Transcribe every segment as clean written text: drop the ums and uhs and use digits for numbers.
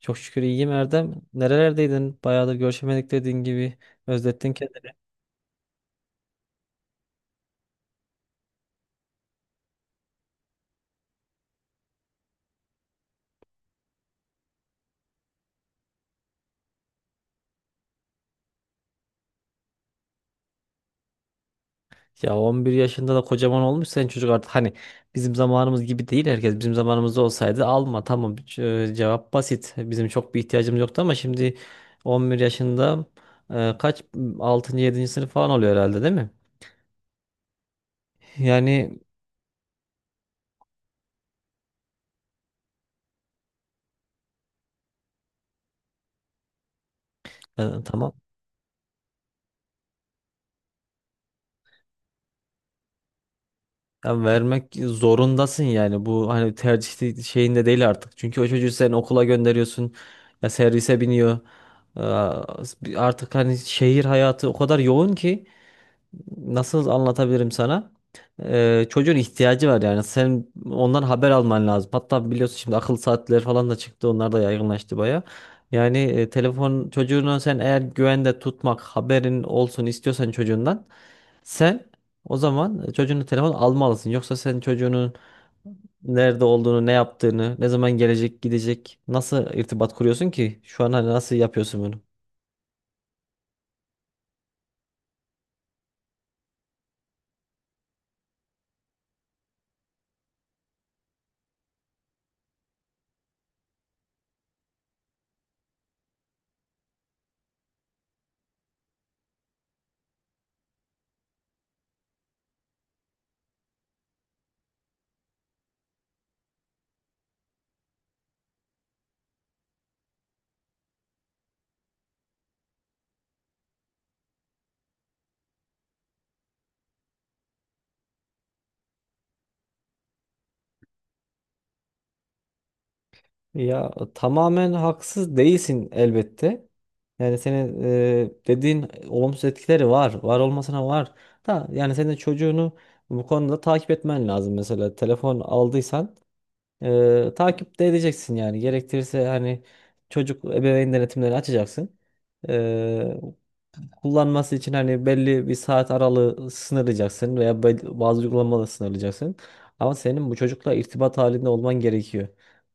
Çok şükür iyiyim Erdem. Nerelerdeydin? Bayağıdır görüşemedik dediğin gibi. Özlettin kendini. Ya 11 yaşında da kocaman olmuş sen çocuk artık. Hani bizim zamanımız gibi değil herkes. Bizim zamanımızda olsaydı alma tamam cevap basit. Bizim çok bir ihtiyacımız yoktu ama şimdi 11 yaşında kaç 6. yedinci sınıf falan oluyor herhalde değil mi? Yani tamam. Ya vermek zorundasın yani bu hani tercih şeyinde değil artık. Çünkü o çocuğu sen okula gönderiyorsun ya servise biniyor. Aa. Artık hani şehir hayatı o kadar yoğun ki nasıl anlatabilirim sana? Çocuğun ihtiyacı var yani sen ondan haber alman lazım. Hatta biliyorsun şimdi akıl saatleri falan da çıktı onlar da yaygınlaştı baya. Yani telefon çocuğunu sen eğer güvende tutmak haberin olsun istiyorsan çocuğundan sen o zaman çocuğunu telefon almalısın. Yoksa sen çocuğunun nerede olduğunu, ne yaptığını, ne zaman gelecek, gidecek, nasıl irtibat kuruyorsun ki? Şu an hani nasıl yapıyorsun bunu? Ya tamamen haksız değilsin elbette. Yani senin dediğin olumsuz etkileri var. Var olmasına var. Da yani senin çocuğunu bu konuda takip etmen lazım. Mesela telefon aldıysan takip de edeceksin yani. Gerektirirse hani çocuk ebeveyn denetimleri açacaksın. E, Kullanması için hani belli bir saat aralığı sınırlayacaksın veya bazı uygulamaları sınırlayacaksın. Ama senin bu çocukla irtibat halinde olman gerekiyor.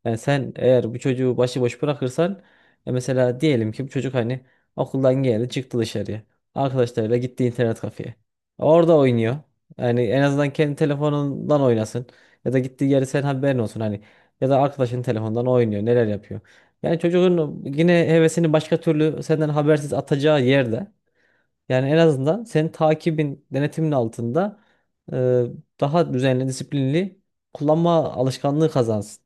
Yani sen eğer bu çocuğu başıboş bırakırsan mesela diyelim ki bu çocuk hani okuldan geldi çıktı dışarıya. Arkadaşlarıyla gitti internet kafeye. Orada oynuyor. Yani en azından kendi telefonundan oynasın. Ya da gittiği yeri sen haberin olsun hani. Ya da arkadaşın telefondan oynuyor neler yapıyor. Yani çocuğun yine hevesini başka türlü senden habersiz atacağı yerde yani en azından senin takibin, denetimin altında e, daha düzenli, disiplinli kullanma alışkanlığı kazansın.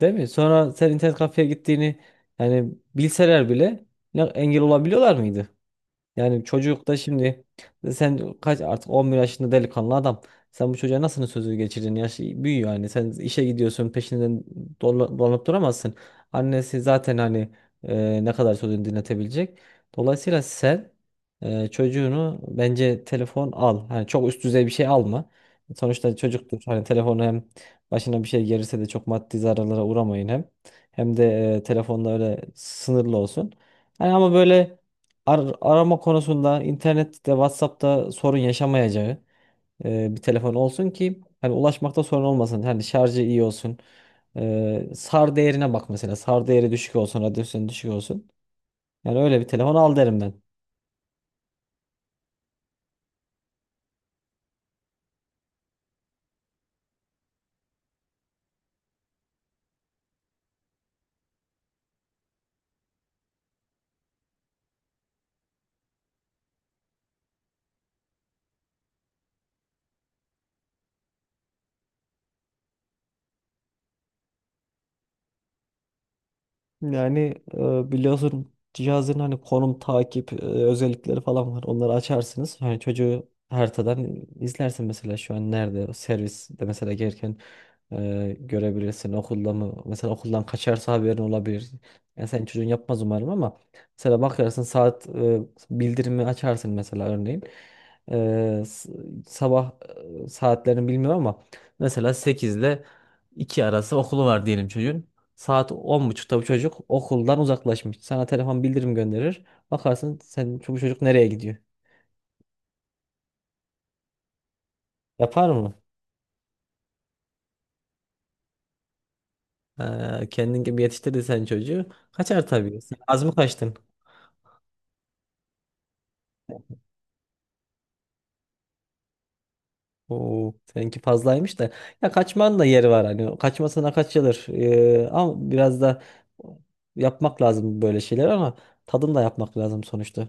Değil mi? Sonra sen internet kafeye gittiğini yani bilseler bile engel olabiliyorlar mıydı? Yani çocuk da şimdi sen kaç artık 11 yaşında delikanlı adam. Sen bu çocuğa nasıl sözü geçirdin? Yaş büyüyor yani. Sen işe gidiyorsun peşinden dolanıp duramazsın. Annesi zaten hani ne kadar sözünü dinletebilecek. Dolayısıyla sen çocuğunu bence telefon al. Hani çok üst düzey bir şey alma. Sonuçta çocuktur. Hani telefonu hem başına bir şey gelirse de çok maddi zararlara uğramayın hem. Hem de telefonda öyle sınırlı olsun. Hani ama böyle arama konusunda internette, WhatsApp'ta sorun yaşamayacağı bir telefon olsun ki hani ulaşmakta sorun olmasın. Hani şarjı iyi olsun. SAR değerine bak mesela. SAR değeri düşük olsun, radyasyon düşük olsun. Yani öyle bir telefon al derim ben. Yani biliyorsun cihazın hani konum takip özellikleri falan var. Onları açarsınız. Hani çocuğu haritadan izlersin mesela şu an nerede o servis de mesela gelirken görebilirsin. Okulda mı mesela okuldan kaçarsa haberin olabilir. Yani sen çocuğun yapmaz umarım ama mesela bakarsın saat bildirimi açarsın mesela örneğin. E, s- sabah saatlerini bilmiyorum ama mesela 8 ile 2 arası okulu var diyelim çocuğun. Saat 10.30'da bu çocuk okuldan uzaklaşmış. Sana telefon bildirim gönderir. Bakarsın sen bu çocuk nereye gidiyor? Yapar mı? Kendin gibi yetiştirdin sen çocuğu. Kaçar tabii. Sen az mı kaçtın? Oo, seninki fazlaymış da. Ya kaçmanın da yeri var hani. Kaçmasına kaçılır. Ama biraz da yapmak lazım böyle şeyler ama tadını da yapmak lazım sonuçta.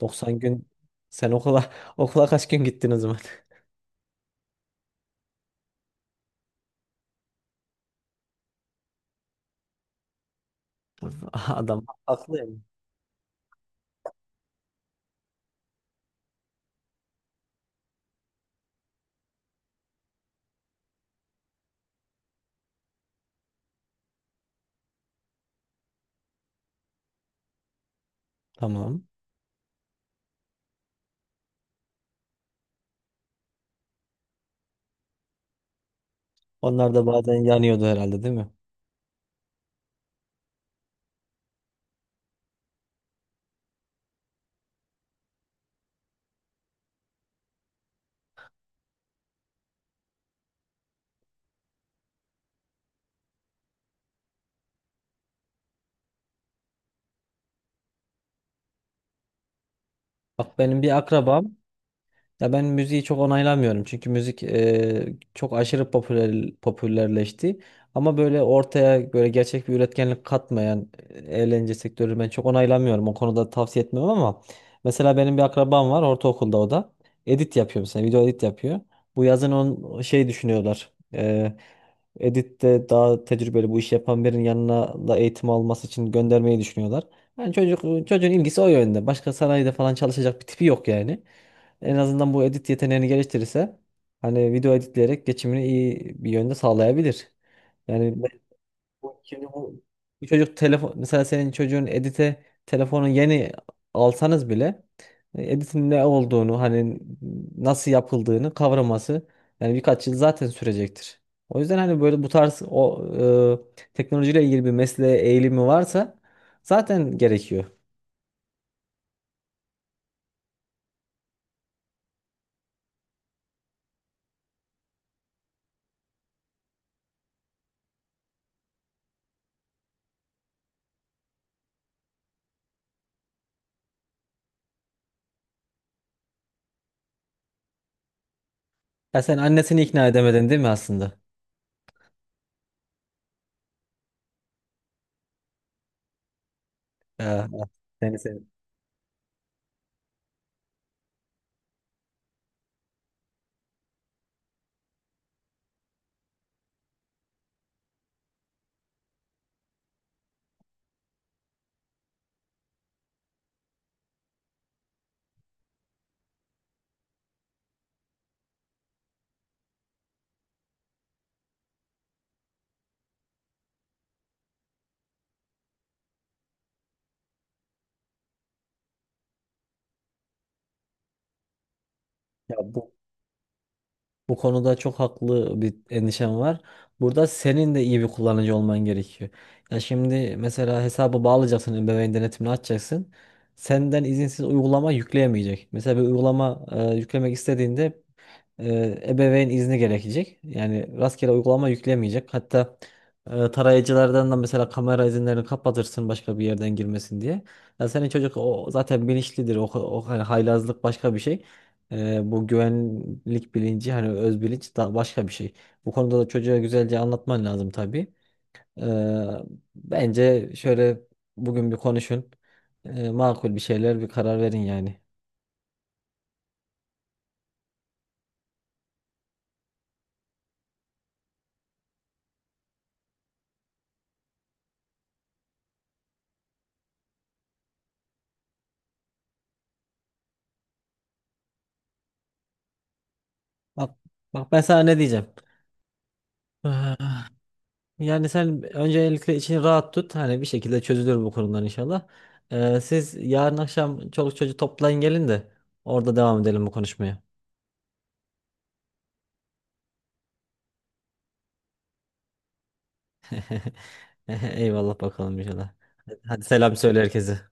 90 gün sen okula okula kaç gün gittin o zaman? Adam haklı yani. Tamam. Onlar da bazen yanıyordu herhalde değil mi? Bak benim bir akrabam Ya ben müziği çok onaylamıyorum çünkü müzik çok aşırı popülerleşti. Ama böyle ortaya böyle gerçek bir üretkenlik katmayan eğlence sektörü ben çok onaylamıyorum. O konuda tavsiye etmiyorum ama mesela benim bir akrabam var ortaokulda o da. Edit yapıyor mesela video edit yapıyor. Bu yazın on şey düşünüyorlar. Edit'te daha tecrübeli bu işi yapan birinin yanına da eğitim alması için göndermeyi düşünüyorlar. Yani çocuğun ilgisi o yönde. Başka sanayide falan çalışacak bir tipi yok yani. En azından bu edit yeteneğini geliştirirse hani video editleyerek geçimini iyi bir yönde sağlayabilir. Yani şimdi bu çocuk telefon mesela senin çocuğun edite telefonu yeni alsanız bile editin ne olduğunu hani nasıl yapıldığını kavraması yani birkaç yıl zaten sürecektir. O yüzden hani böyle bu tarz o teknolojiyle ilgili bir mesleğe eğilimi varsa zaten gerekiyor. Ya sen annesini ikna edemedin değil mi aslında? Ya, seni, seni. Ya bu Bu konuda çok haklı bir endişem var. Burada senin de iyi bir kullanıcı olman gerekiyor. Ya şimdi mesela hesabı bağlayacaksın, ebeveyn denetimini açacaksın. Senden izinsiz uygulama yükleyemeyecek. Mesela bir uygulama yüklemek istediğinde ebeveyn izni gerekecek. Yani rastgele uygulama yüklemeyecek. Hatta tarayıcılardan da mesela kamera izinlerini kapatırsın başka bir yerden girmesin diye. Ya senin çocuk o zaten bilinçlidir. O hani haylazlık başka bir şey. Bu güvenlik bilinci hani öz bilinç da başka bir şey. Bu konuda da çocuğa güzelce anlatman lazım tabii. Ee, Bence şöyle bugün bir konuşun. Makul bir şeyler bir karar verin yani. Bak, bak ben sana ne diyeceğim. Ah. Yani sen öncelikle içini rahat tut. Hani bir şekilde çözülür bu konular inşallah. Siz yarın akşam çoluk çocuğu toplayın gelin de orada devam edelim bu konuşmaya. Eyvallah bakalım inşallah. Hadi selam söyle herkese.